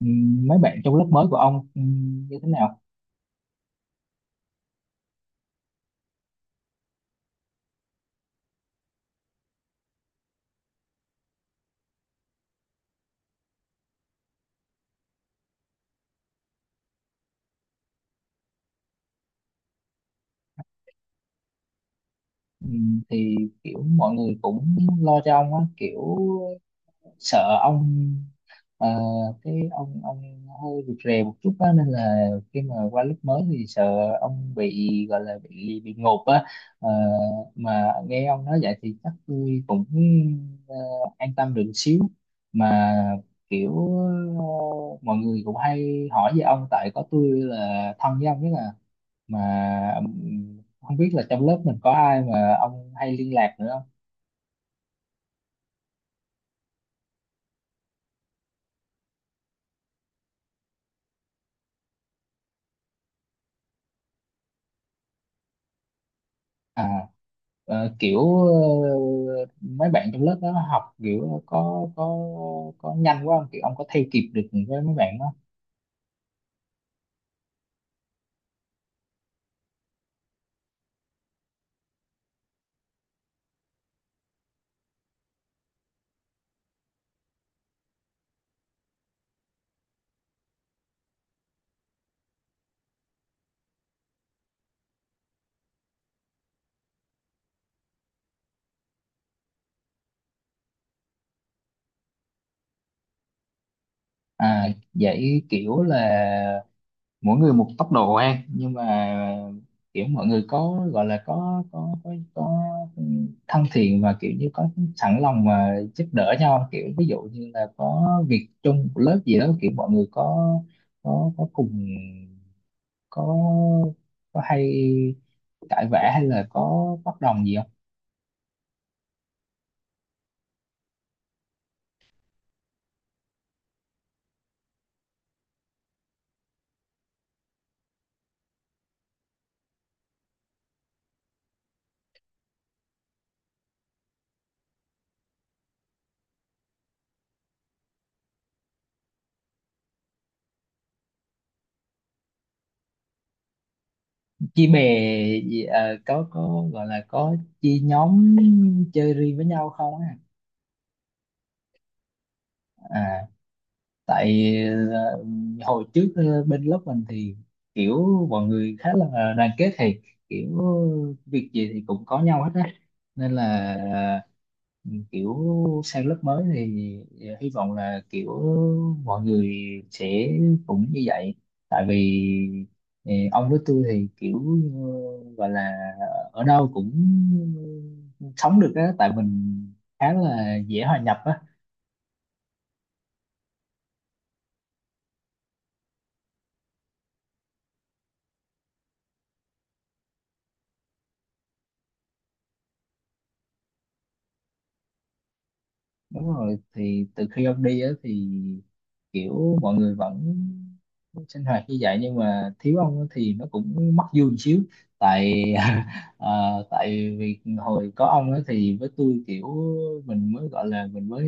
Mấy bạn trong lớp mới của ông như thế nào? Thì kiểu mọi người cũng lo cho ông á, kiểu sợ ông, ờ, cái ông hơi rụt rè một chút á, nên là khi mà qua lớp mới thì sợ ông bị gọi là bị ngộp á. Ờ, mà nghe ông nói vậy thì chắc tôi cũng ờ, an tâm được xíu, mà kiểu mọi người cũng hay hỏi về ông, tại có tôi là thân với ông nhất à. Mà không biết là trong lớp mình có ai mà ông hay liên lạc nữa không? À, mấy bạn trong lớp đó học kiểu có nhanh quá không, kiểu ông có theo kịp được với mấy bạn đó? À, vậy kiểu là mỗi người một tốc độ ăn, nhưng mà kiểu mọi người có gọi là có thân thiện và kiểu như có sẵn lòng mà giúp đỡ nhau, kiểu ví dụ như là có việc chung của lớp gì đó kiểu mọi người có, cùng có có hay cãi vã hay là có bất đồng gì không? Chia bè gì, à, có gọi là có chia nhóm chơi riêng với nhau không á? À, tại ờ, hồi trước, bên lớp mình thì kiểu mọi người khá là đoàn kết, thì kiểu việc gì thì cũng có nhau hết á, nên là ờ, kiểu sang lớp mới thì hy vọng là kiểu mọi người sẽ cũng như vậy. Tại vì ông với tôi thì kiểu gọi là ở đâu cũng sống được á, tại mình khá là dễ hòa nhập á. Đúng rồi, thì từ khi ông đi á thì kiểu mọi người vẫn sinh hoạt như vậy, nhưng mà thiếu ông á thì nó cũng mất vui một xíu. Tại ờ, tại vì hồi có ông á thì với tôi kiểu mình mới gọi là mình mới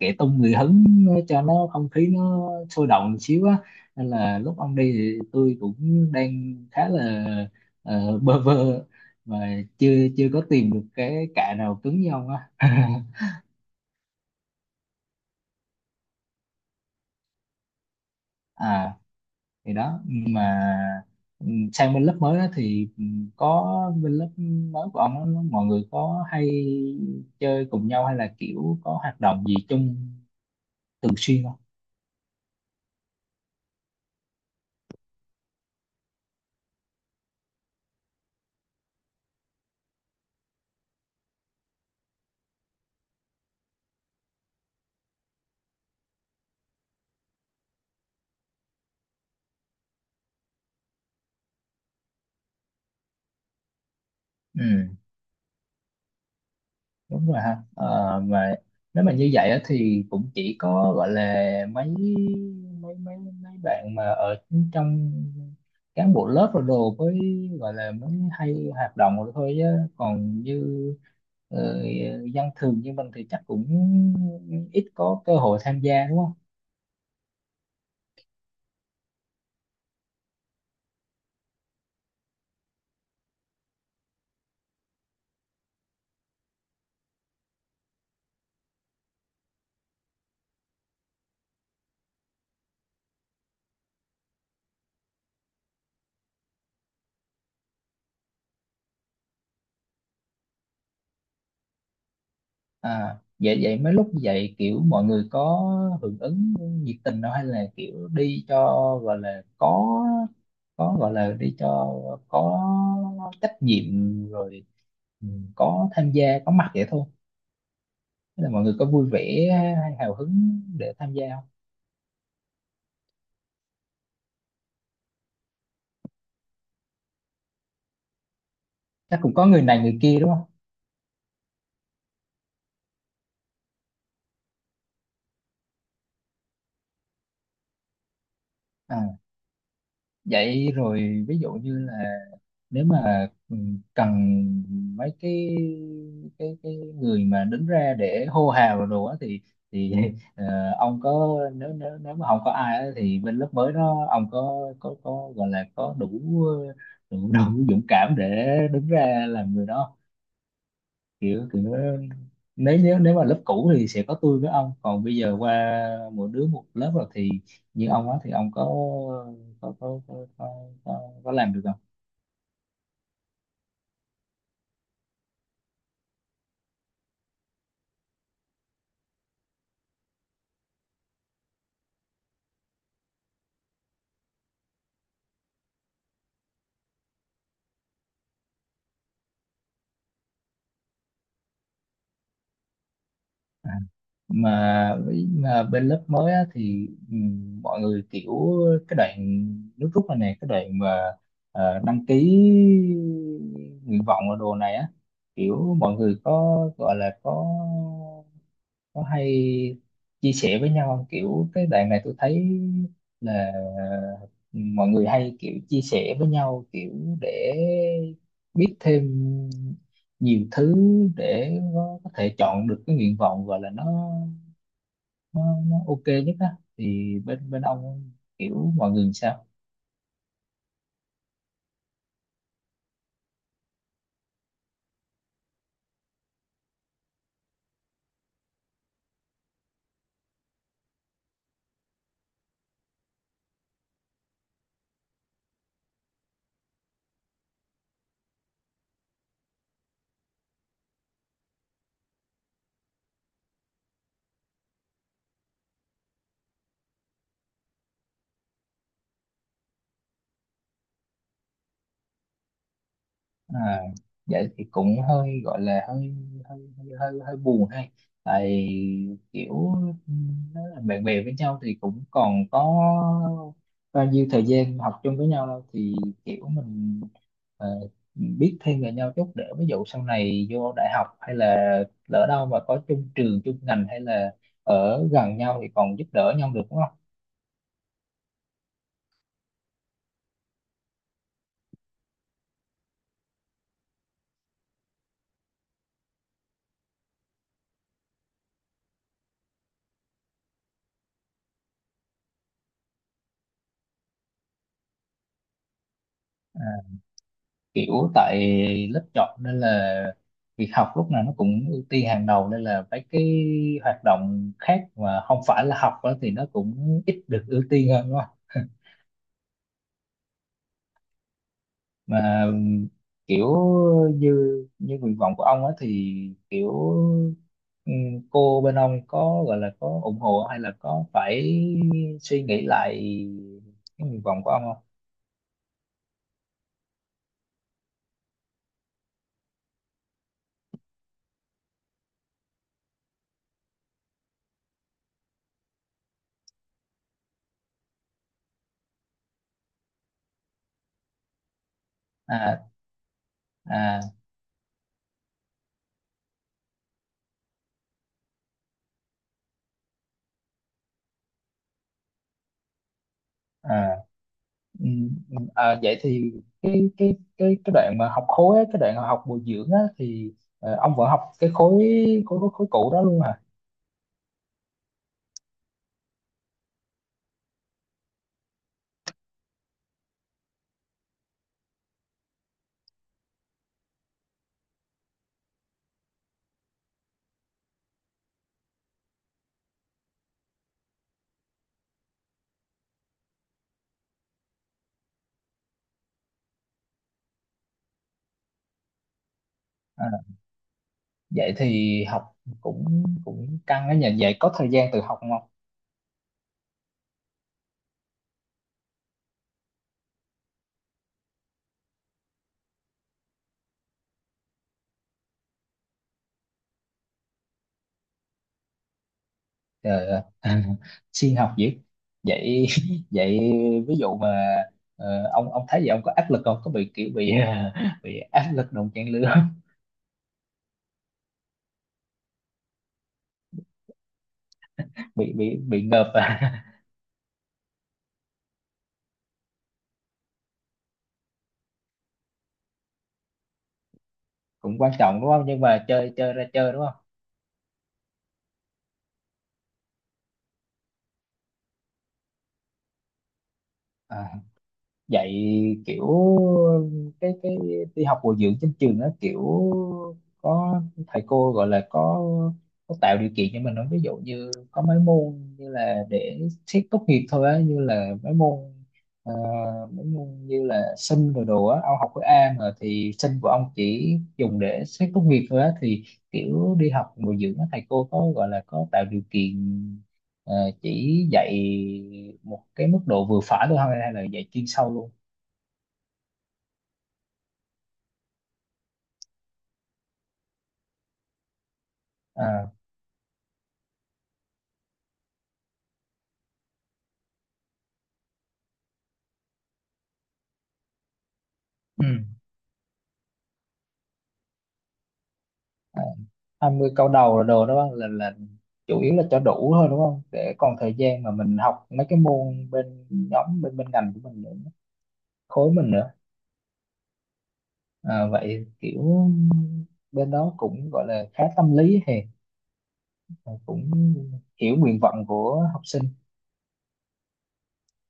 kẻ tung người hứng cho nó không khí nó sôi động một xíu á, nên là lúc ông đi thì tôi cũng đang khá là bơ vơ, mà chưa chưa có tìm được cái cạ nào cứng như ông á. À, thì đó. Nhưng mà ừ, sang bên lớp mới đó thì ừ, có bên lớp mới của ông đó, nó- mọi người có hay chơi cùng nhau hay là kiểu có hoạt động gì chung thường xuyên không? Ừ, đúng rồi ha. Ờ, mà nếu mà như vậy á, thì cũng chỉ có gọi là mấy mấy mấy mấy bạn mà ở trong cán bộ lớp rồi đồ mới gọi là mới hay hoạt động rồi thôi, chứ còn như ờ, dân thường như mình thì chắc cũng ít có cơ hội tham gia đúng không? À, vậy vậy mấy lúc như vậy kiểu mọi người có hưởng ứng nhiệt tình đâu, hay là kiểu đi cho gọi là có gọi là đi cho có trách nhiệm rồi, ừ, có tham gia có mặt vậy thôi. Thế là mọi người có vui vẻ hay hào hứng để tham gia không? Chắc cũng có người này người kia đúng không? À, vậy rồi ví dụ như là nếu mà cần mấy cái, người mà đứng ra để hô hào rồi đồ á thì ờ, ông có, nếu nếu nếu mà không có ai á, thì bên lớp mới đó ông có, gọi là có đủ, đủ đủ dũng cảm để đứng ra làm người đó, kiểu kiểu nếu nếu nếu mà lớp cũ thì sẽ có tôi với ông, còn bây giờ qua mỗi đứa một lớp rồi thì như ông á thì ông có, có có có, có, có làm được không? Mà với- mà bên lớp mới á, thì mọi người kiểu cái đoạn nước rút này này, cái đoạn mà đăng ký nguyện vọng ở đồ này á, kiểu mọi người có gọi là có hay chia sẻ với nhau không? Kiểu cái đoạn này tôi thấy là mọi người hay kiểu chia sẻ với nhau, kiểu để biết thêm nhiều thứ để có thể chọn được cái nguyện vọng gọi là nó, nó ok nhất á, thì bên bên ông kiểu mọi người sao? À, vậy thì cũng hơi gọi là hơi hơi hơi hơi, hơi buồn hay, tại kiểu nó là bạn bè với nhau thì cũng còn có bao nhiêu thời gian học chung với nhau đâu, thì kiểu mình ờ, biết thêm về nhau chút để ví dụ sau này vô đại học hay là lỡ đâu mà có chung trường chung ngành hay là ở gần nhau thì còn giúp đỡ nhau được đúng không? À, kiểu tại lớp chọn nên là việc học lúc nào nó cũng ưu tiên hàng đầu, nên là mấy cái hoạt động khác mà không phải là học á thì nó cũng ít được ưu tiên hơn đúng không? Mà kiểu như như nguyện vọng của ông á thì kiểu ừm, cô bên ông có gọi là có ủng hộ hay là có phải suy nghĩ lại cái nguyện vọng của ông không? À, à, à. Ừ, à, vậy thì cái đoạn mà học khối á, cái đoạn học bồi dưỡng á, thì ông vẫn học cái khối cũ đó luôn à? À, vậy thì học cũng, cũng căng á nhỉ, vậy có thời gian tự học không? Trời ơi, siêng học dữ vậy. Vậy ví dụ mà ông thấy vậy ông có áp lực không, có bị kiểu bị bị áp lực đồng trang lứa không? Bị ngợp à? Cũng quan trọng đúng không, nhưng mà chơi chơi ra chơi đúng không? À, dạy kiểu cái đi học bồi dưỡng trên trường nó kiểu có thầy cô gọi là có tạo điều kiện cho mình không, ví dụ như có mấy môn như là để xét tốt nghiệp thôi á, như là mấy môn ờ, mấy môn như là sinh rồi đồ á, ông học khối A mà, thì sinh của ông chỉ dùng để xét tốt nghiệp thôi á, thì kiểu đi học bồi dưỡng á thầy cô có gọi là có tạo điều kiện. Ờ, chỉ dạy một cái mức độ vừa phải thôi hay là dạy chuyên sâu luôn? À, ừ. À, 20 câu đầu là đồ đó, là chủ yếu là cho đủ thôi đúng không, để còn thời gian mà mình học mấy cái môn bên nhóm bên bên ngành của mình nữa, khối mình nữa. À, vậy kiểu bên đó cũng gọi là khá tâm lý, thì cũng hiểu nguyện vọng của học sinh.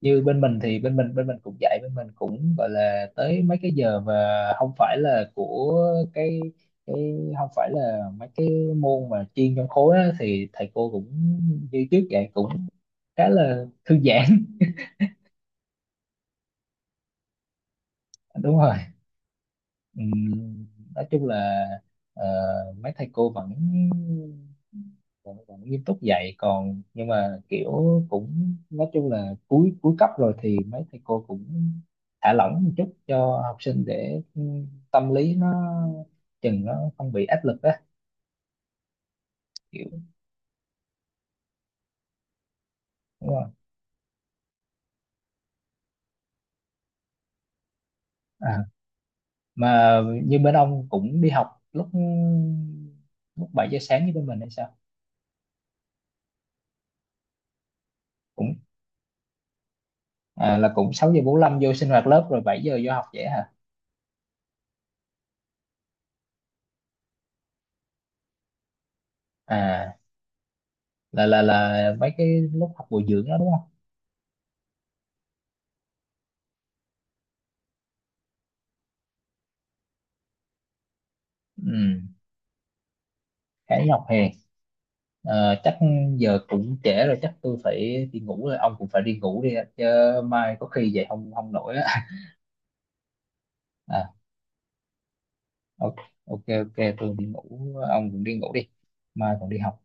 Như bên mình thì bên mình cũng dạy, bên mình cũng gọi là tới mấy cái giờ mà không phải là của cái cái không phải là mấy cái môn mà chuyên trong khối á, thì thầy cô cũng như trước dạy cũng khá là thư giãn. Đúng rồi. Ừm, nói chung là ờ, mấy thầy cô vẫn, vẫn nghiêm túc dạy còn, nhưng mà kiểu cũng nói chung là cuối cuối cấp rồi thì mấy thầy cô cũng thả lỏng một chút cho học sinh để tâm lý nó chừng nó không bị áp lực á, kiểu đúng rồi. À, mà như bên ông cũng đi học lúc, lúc 7 giờ sáng như bên mình hay sao? Cũng à, là cũng 6:45 vô sinh hoạt lớp rồi 7 giờ vô học vậy hả? À, là mấy cái lúc học bồi dưỡng đó đúng không? Ừ, khá nhọc hè. Chắc giờ cũng trễ rồi, chắc tôi phải đi ngủ rồi, ông cũng phải đi ngủ đi ạ. Chứ mai có khi dậy không không nổi á. À, ok. Ok, ok tôi đi ngủ, ông cũng đi ngủ đi, mai còn đi học.